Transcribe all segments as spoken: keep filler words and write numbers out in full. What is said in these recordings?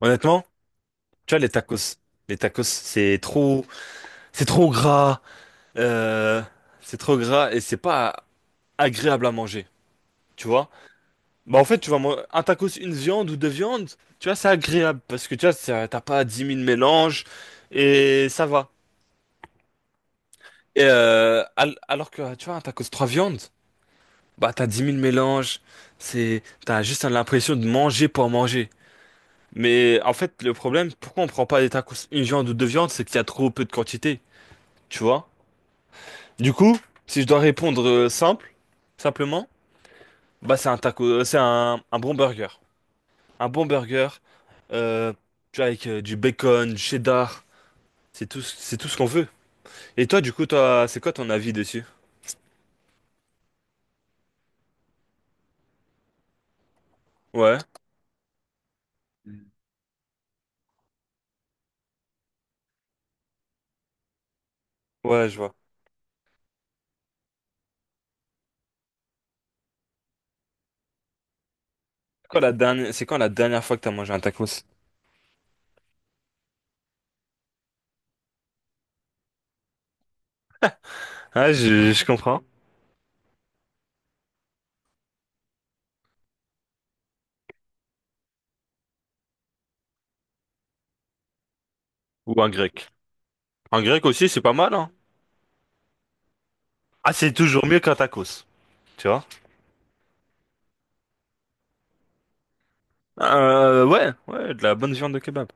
Honnêtement, tu vois, les tacos, les tacos, c'est trop, c'est trop gras, euh, c'est trop gras et c'est pas agréable à manger, tu vois. Bah, en fait, tu vois, moi, un tacos, une viande ou deux viandes, tu vois, c'est agréable parce que tu vois, ça- t'as pas dix mille mélanges et ça va. Et, euh, al- alors que, tu vois, un tacos, trois viandes, bah, t'as dix mille mélanges, c'est, t'as juste l'impression de manger pour manger. Mais en fait, le problème, pourquoi on prend pas des tacos, une viande ou deux viandes, c'est qu'il y a trop peu de quantité, tu vois. Du coup, si je dois répondre euh, simple, simplement, bah c'est un taco, euh, c'est un, un bon burger. Un bon burger, euh, tu vois, avec euh, du bacon, du cheddar, c'est tout, ce- c'est tout ce qu'on veut. Et toi, du coup, toi, c'est quoi ton avis dessus? Ouais, ouais, je vois. C'est Quand la dernière, c'est quand la dernière fois que t'as mangé un tacos? Ah, je, je comprends. Ou un grec. Un grec aussi, c'est pas mal, hein. Ah, c'est toujours mieux qu'un tacos, tu vois? Euh, ouais, ouais, de la bonne viande de kebab.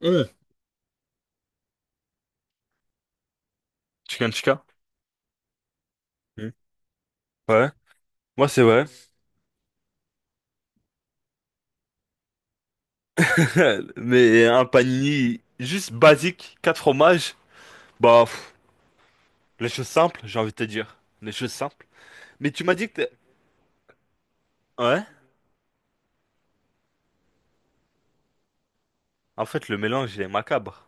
Mmh. Chicken tikka. Mmh. Ouais, moi c'est vrai. Mais un panini juste basique, quatre fromages, bah, pff, les choses simples, j'ai envie de te dire. Les choses simples. Mais tu m'as dit que t'es- Ouais, en fait, le mélange, il est macabre.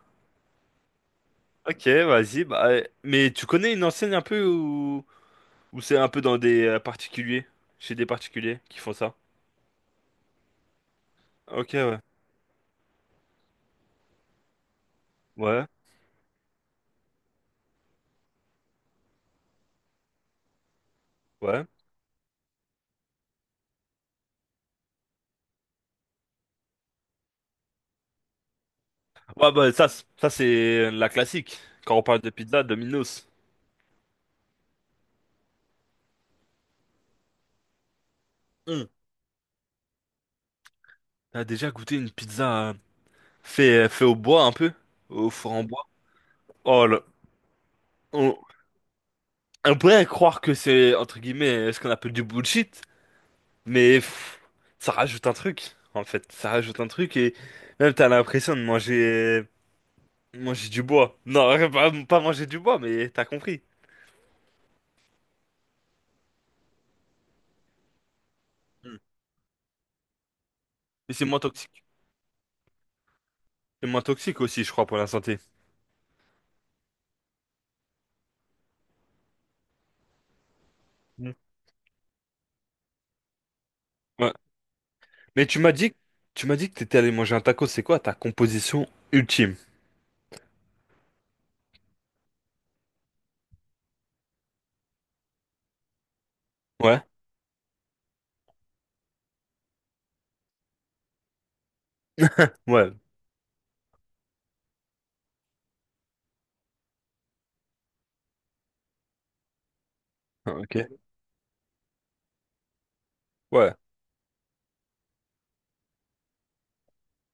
Ok, vas-y, bah, euh, mais tu connais une enseigne un peu où, où c'est un peu dans des euh, particuliers, chez des particuliers qui font ça? Ok, ouais. Ouais, ouais. Ouais, bah, ça, c'est- ça c'est la classique. Quand on parle de pizza, Domino's. Hmm. T'as déjà goûté une pizza euh, fait, euh, fait au bois un peu? Au four en bois? Oh là. On pourrait croire que c'est, entre guillemets, ce qu'on appelle du bullshit, mais pff, ça rajoute un truc, en fait. Ça rajoute un truc et même t'as l'impression de manger, manger du bois. Non, pas, pas manger du bois, mais t'as compris. Hmm. Et c'est moins toxique. C'est moins toxique aussi, je crois, pour la santé. Hmm. Ouais. Mais tu m'as dit, tu m'as dit que t'étais allé manger un taco, c'est quoi ta composition ultime? Ouais. Ouais. Ah, Ok. Ouais.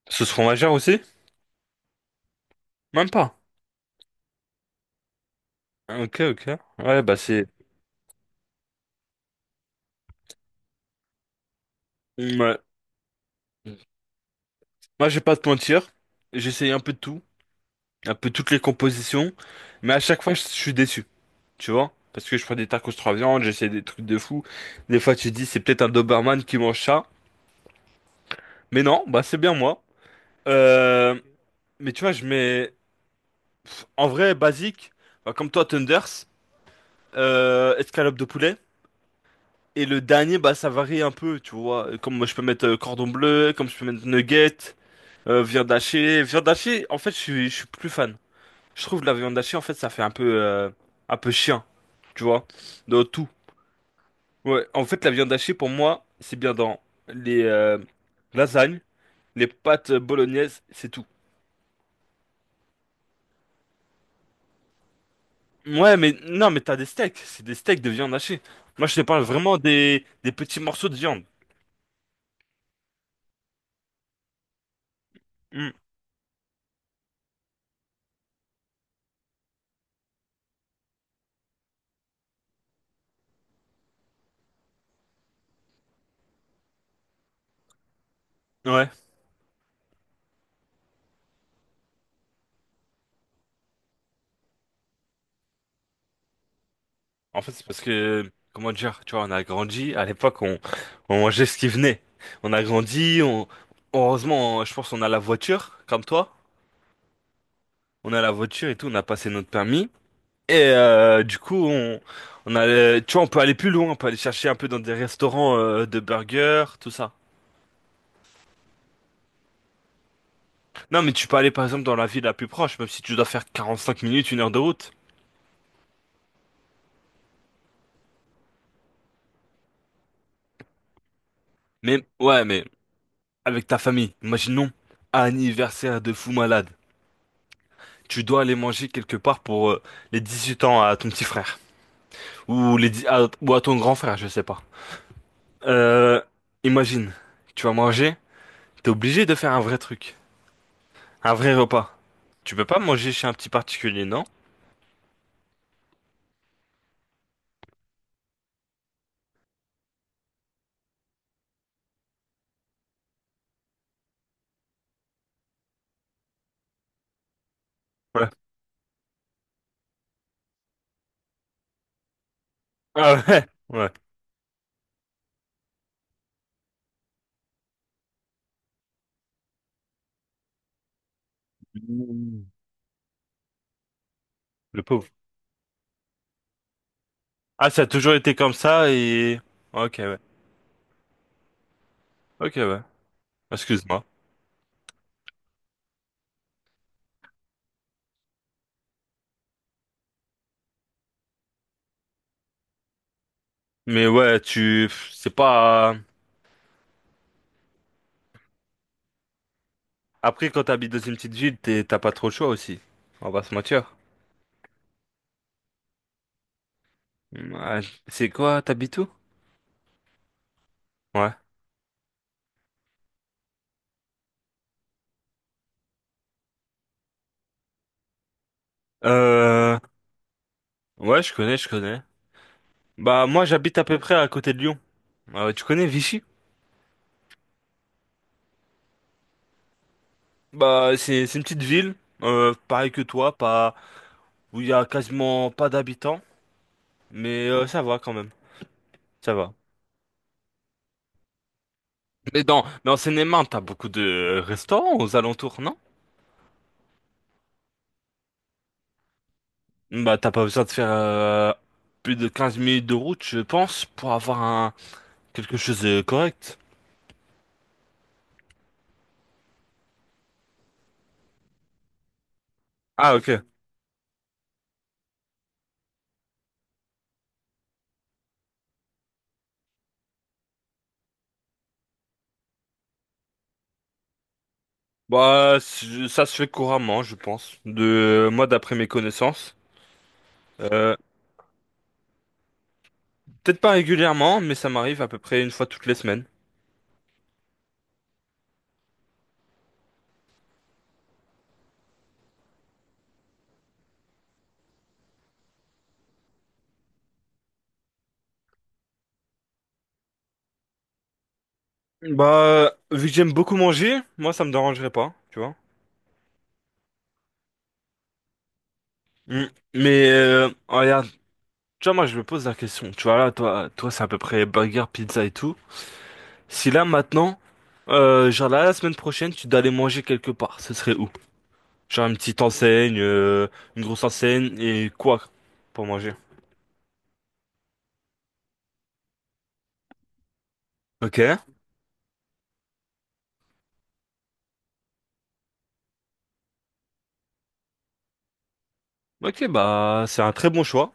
Sauce fromagère aussi? Même pas. Ah, Ok, ok. Ouais, bah c'est... Ouais. Moi, je vais pas te mentir, j'essaye un peu de tout, un peu toutes les compositions, mais à chaque fois, je suis déçu, tu vois? Parce que je prends des tacos trois viandes, j'essaie des trucs de fou. Des fois, tu te dis, c'est peut-être un Doberman qui mange ça. Mais non, bah, c'est bien moi. Euh, mais tu vois, je mets, en vrai, basique, bah, comme toi, Thunders, euh, escalope de poulet. Et le dernier, bah, ça varie un peu, tu vois? Comme moi, je peux mettre euh, cordon bleu, comme je peux mettre nuggets, euh, viande hachée. Viande hachée, en fait, je suis, je suis plus fan. Je trouve que la viande hachée, en fait, ça fait un peu, euh, un peu chien, tu vois, dans tout. Ouais, en fait, la viande hachée, pour moi, c'est bien dans les euh, lasagnes, les pâtes bolognaises, c'est tout. Ouais, mais non, mais t'as des steaks, c'est des steaks de viande hachée. Moi, je te parle vraiment des, des petits morceaux de viande. Hmm, ouais. En fait, c'est parce que, comment dire, tu vois, on a grandi, à l'époque, on, on mangeait ce qui venait. On a grandi, on, heureusement, on- je pense qu'on a la voiture, comme toi. On a la voiture et tout, on a passé notre permis. Et euh, du coup, on, on a, euh, tu vois, on peut aller plus loin, on peut aller chercher un peu dans des restaurants euh, de burgers, tout ça. Non, mais tu peux aller par exemple dans la ville la plus proche, même si tu dois faire quarante-cinq minutes, une heure de route. Mais ouais, mais avec ta famille, imaginons anniversaire de fou malade. Tu dois aller manger quelque part pour euh, les dix-huit ans à ton petit frère ou les dix- à, ou à ton grand frère, je sais pas. Euh, Imagine, tu vas manger, t'es obligé de faire un vrai truc, un vrai repas. Tu peux pas manger chez un petit particulier, non? Ah ouais, ouais. Mmh. Le pauvre. Ah, ça a toujours été comme ça et... Ok, ouais. Ok, ouais. Excuse-moi. Mais ouais, tu... pff, C'est pas... Après, quand t'habites dans une petite ville, t'es- t'as pas trop le choix aussi. On va se mentir. Ouais. C'est quoi, t'habites où? Ouais. Euh... Ouais, je connais, je connais. Bah, moi, j'habite à peu près à côté de Lyon. Euh, tu connais Vichy? Bah, c'est c'est une petite ville, euh, pareil que toi, pas... où il y a quasiment pas d'habitants, mais euh, ça va quand même. Ça va. Mais dans, mais en Seine-et-Marne, t'as beaucoup de restaurants aux alentours, non? Bah, t'as pas besoin de faire euh, plus de quinze minutes de route, je pense, pour avoir un quelque chose de correct. Ah, ok. Bah, c- ça se fait couramment, je pense. De moi, d'après mes connaissances. Euh, Peut-être pas régulièrement, mais ça m'arrive à peu près une fois toutes les semaines. Bah, vu que j'aime beaucoup manger, moi, ça me dérangerait pas, tu vois. Mm. Mais euh, regarde, tu vois, moi, je me pose la question. Tu vois là, toi, toi, c'est à peu près burger, pizza et tout. Si là maintenant, euh, genre là, la semaine prochaine, tu dois aller manger quelque part, ce serait où? Genre une petite enseigne, euh, une grosse enseigne et quoi pour manger? Ok, ok, bah c'est un très bon choix.